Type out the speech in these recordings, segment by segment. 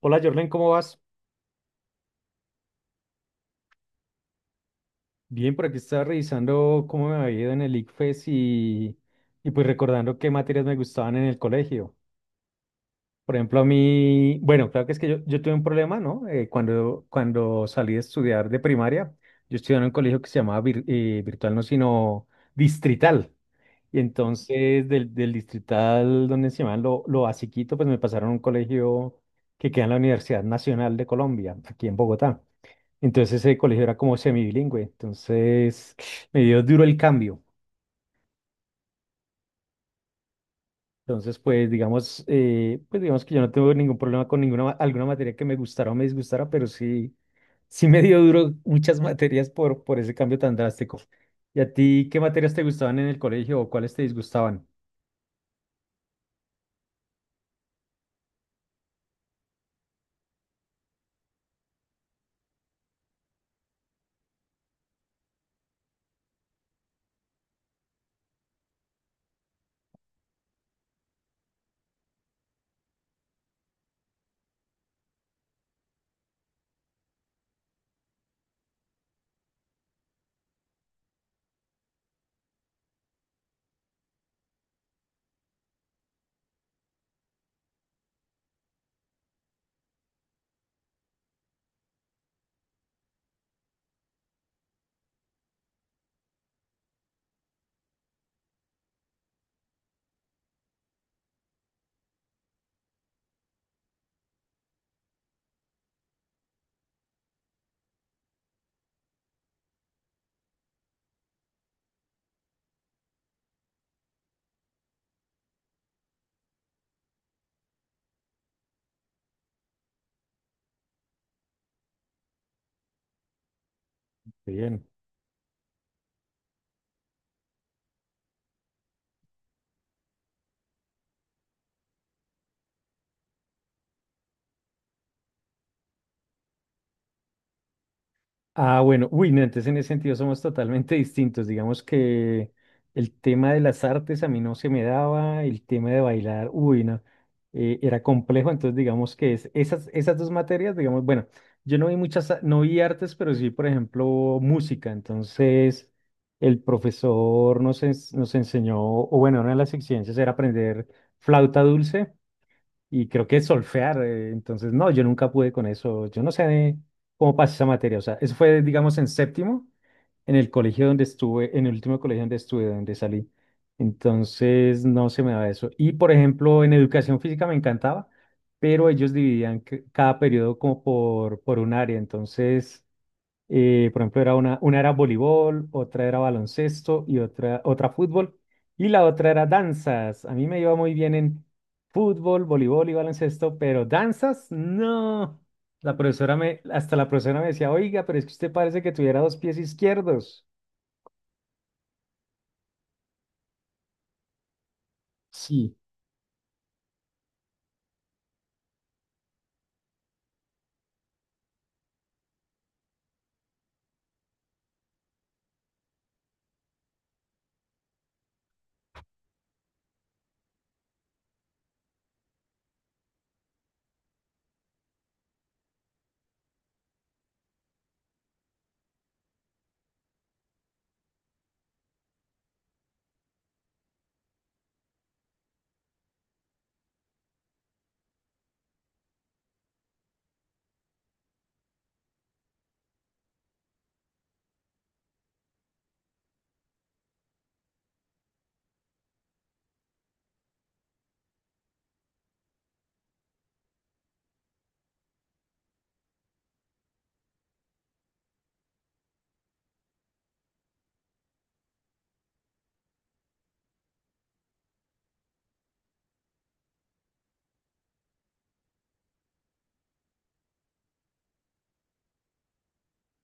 Hola Jorlen, ¿cómo vas? Bien, por aquí estaba revisando cómo me había ido en el ICFES y pues recordando qué materias me gustaban en el colegio. Por ejemplo, a mí, bueno, claro que es que yo tuve un problema, ¿no? Cuando salí de estudiar de primaria, yo estudiaba en un colegio que se llamaba virtual, no, sino distrital. Y entonces del distrital donde se llamaban lo basiquito, pues me pasaron a un colegio que queda en la Universidad Nacional de Colombia, aquí en Bogotá. Entonces ese colegio era como semibilingüe, entonces me dio duro el cambio. Entonces, pues digamos que yo no tengo ningún problema con ninguna alguna materia que me gustara o me disgustara, pero sí, sí me dio duro muchas materias por ese cambio tan drástico. ¿Y a ti qué materias te gustaban en el colegio o cuáles te disgustaban? Bien. Ah, bueno, uy, no, entonces en ese sentido somos totalmente distintos. Digamos que el tema de las artes a mí no se me daba, el tema de bailar, uy, no, era complejo. Entonces, digamos que esas dos materias, digamos, bueno, yo no vi muchas, no vi artes, pero sí, por ejemplo, música. Entonces, el profesor nos enseñó, o bueno, una de las exigencias era aprender flauta dulce y creo que es solfear, entonces no, yo nunca pude con eso, yo no sé cómo pasé esa materia, o sea, eso fue, digamos, en séptimo, en el colegio donde estuve, en el último colegio donde estuve, donde salí, entonces no se me daba eso. Y, por ejemplo, en educación física me encantaba, pero ellos dividían cada periodo como por un área, entonces... Por ejemplo, era una era voleibol, otra era baloncesto y otra fútbol. Y la otra era danzas. A mí me iba muy bien en fútbol, voleibol y baloncesto, pero danzas, no. Hasta la profesora me decía, oiga, pero es que usted parece que tuviera dos pies izquierdos. Sí.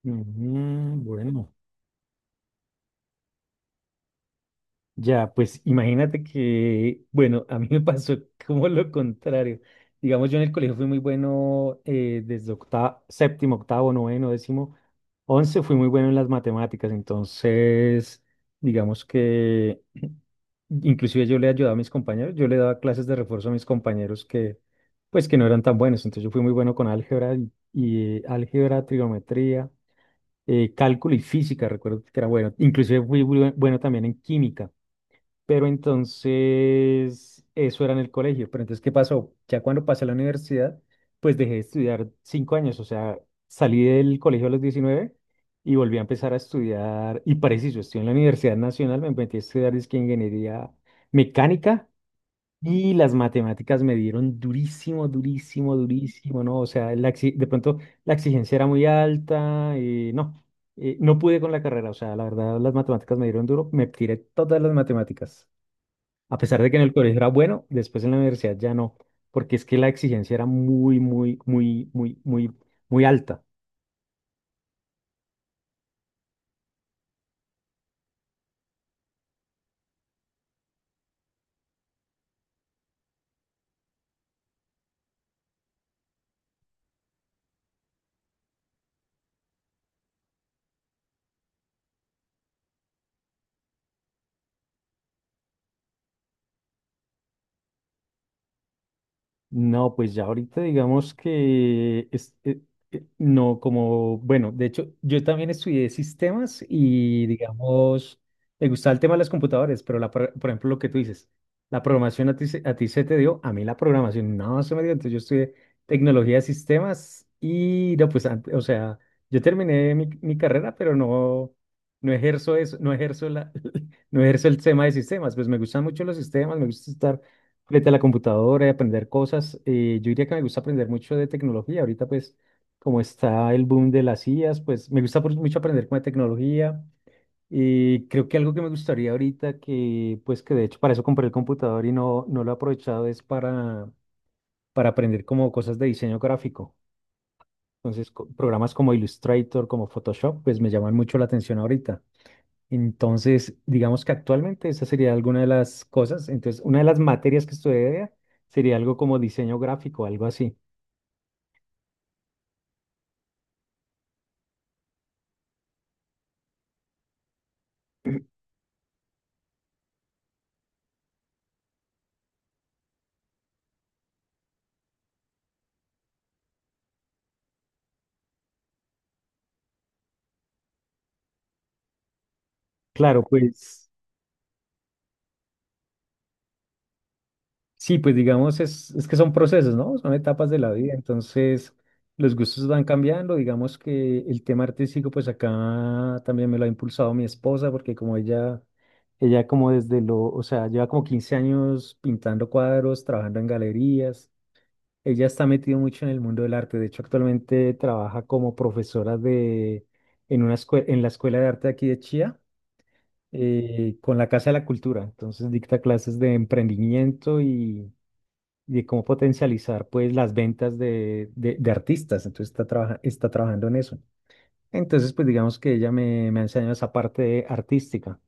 Mm, bueno. Ya, pues imagínate que, bueno, a mí me pasó como lo contrario. Digamos, yo en el colegio fui muy bueno desde séptimo, octavo, noveno, décimo, once, fui muy bueno en las matemáticas. Entonces, digamos que inclusive yo le ayudaba a mis compañeros, yo le daba clases de refuerzo a mis compañeros que, pues, que no eran tan buenos. Entonces yo fui muy bueno con álgebra, trigonometría, cálculo y física, recuerdo que era bueno. Inclusive fui muy bueno también en química. Pero entonces, eso era en el colegio. Pero entonces, ¿qué pasó? Ya cuando pasé a la universidad, pues dejé de estudiar cinco años. O sea, salí del colegio a los 19 y volví a empezar a estudiar. Y preciso, estoy en la Universidad Nacional, me metí a estudiar dizque ingeniería mecánica y las matemáticas me dieron durísimo, durísimo, durísimo, ¿no? O sea, de pronto la exigencia era muy alta y no. No pude con la carrera, o sea, la verdad las matemáticas me dieron duro, me tiré todas las matemáticas. A pesar de que en el colegio era bueno, después en la universidad ya no, porque es que la exigencia era muy, muy, muy, muy, muy, muy alta. No, pues ya ahorita digamos que no como, bueno, de hecho yo también estudié sistemas y digamos, me gustaba el tema de las computadoras, pero por ejemplo lo que tú dices, la programación a ti se te dio, a mí la programación no se me dio, entonces yo estudié tecnología de sistemas y no, pues, o sea, yo terminé mi carrera, pero no, no ejerzo eso, no ejerzo la, no ejerzo el tema de sistemas, pues me gustan mucho los sistemas, me gusta estar frente a la computadora y aprender cosas. Yo diría que me gusta aprender mucho de tecnología. Ahorita, pues, como está el boom de las IAs, pues me gusta mucho aprender con la tecnología. Y creo que algo que me gustaría ahorita, que pues que de hecho para eso compré el computador y no, no lo he aprovechado, es para aprender como cosas de diseño gráfico. Entonces, programas como Illustrator, como Photoshop, pues me llaman mucho la atención ahorita. Entonces, digamos que actualmente esa sería alguna de las cosas. Entonces, una de las materias que estudiaría sería algo como diseño gráfico, algo así. Claro, pues sí, pues digamos, es que son procesos, ¿no? Son etapas de la vida. Entonces, los gustos van cambiando. Digamos que el tema artístico, pues acá también me lo ha impulsado mi esposa, porque como ella como desde lo, o sea, lleva como 15 años pintando cuadros, trabajando en galerías. Ella está metida mucho en el mundo del arte. De hecho, actualmente trabaja como profesora de, en una en la Escuela de Arte de aquí de Chía, con la Casa de la Cultura. Entonces, dicta clases de emprendimiento y de cómo potencializar, pues, las ventas de artistas. Entonces, está trabajando en eso. Entonces, pues, digamos que me ha enseñado esa parte artística.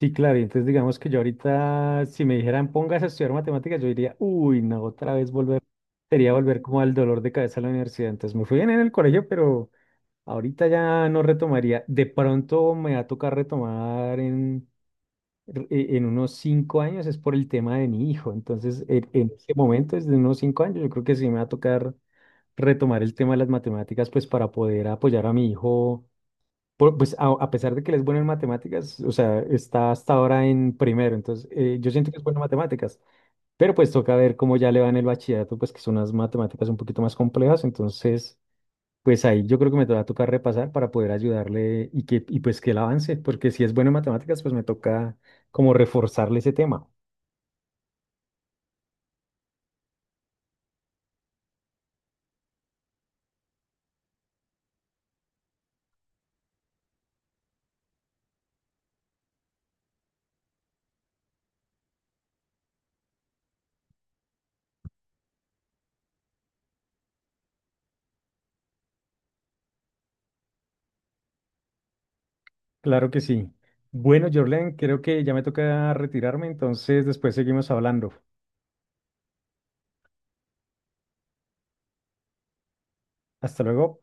Sí, claro, y entonces digamos que yo ahorita, si me dijeran pongas a estudiar matemáticas, yo diría, uy, no, otra vez volver, sería volver como al dolor de cabeza a la universidad. Entonces me fui bien en el colegio, pero ahorita ya no retomaría. De pronto me va a tocar retomar en unos cinco años, es por el tema de mi hijo. Entonces, en ese momento, desde unos cinco años, yo creo que sí me va a tocar retomar el tema de las matemáticas, pues para poder apoyar a mi hijo pues a pesar de que él es bueno en matemáticas, o sea, está hasta ahora en primero, entonces yo siento que es bueno en matemáticas, pero pues toca ver cómo ya le va en el bachillerato, pues que son unas matemáticas un poquito más complejas, entonces pues ahí yo creo que me va a tocar repasar para poder ayudarle y que y pues que él avance, porque si es bueno en matemáticas, pues me toca como reforzarle ese tema. Claro que sí. Bueno, Jorlen, creo que ya me toca retirarme, entonces después seguimos hablando. Hasta luego.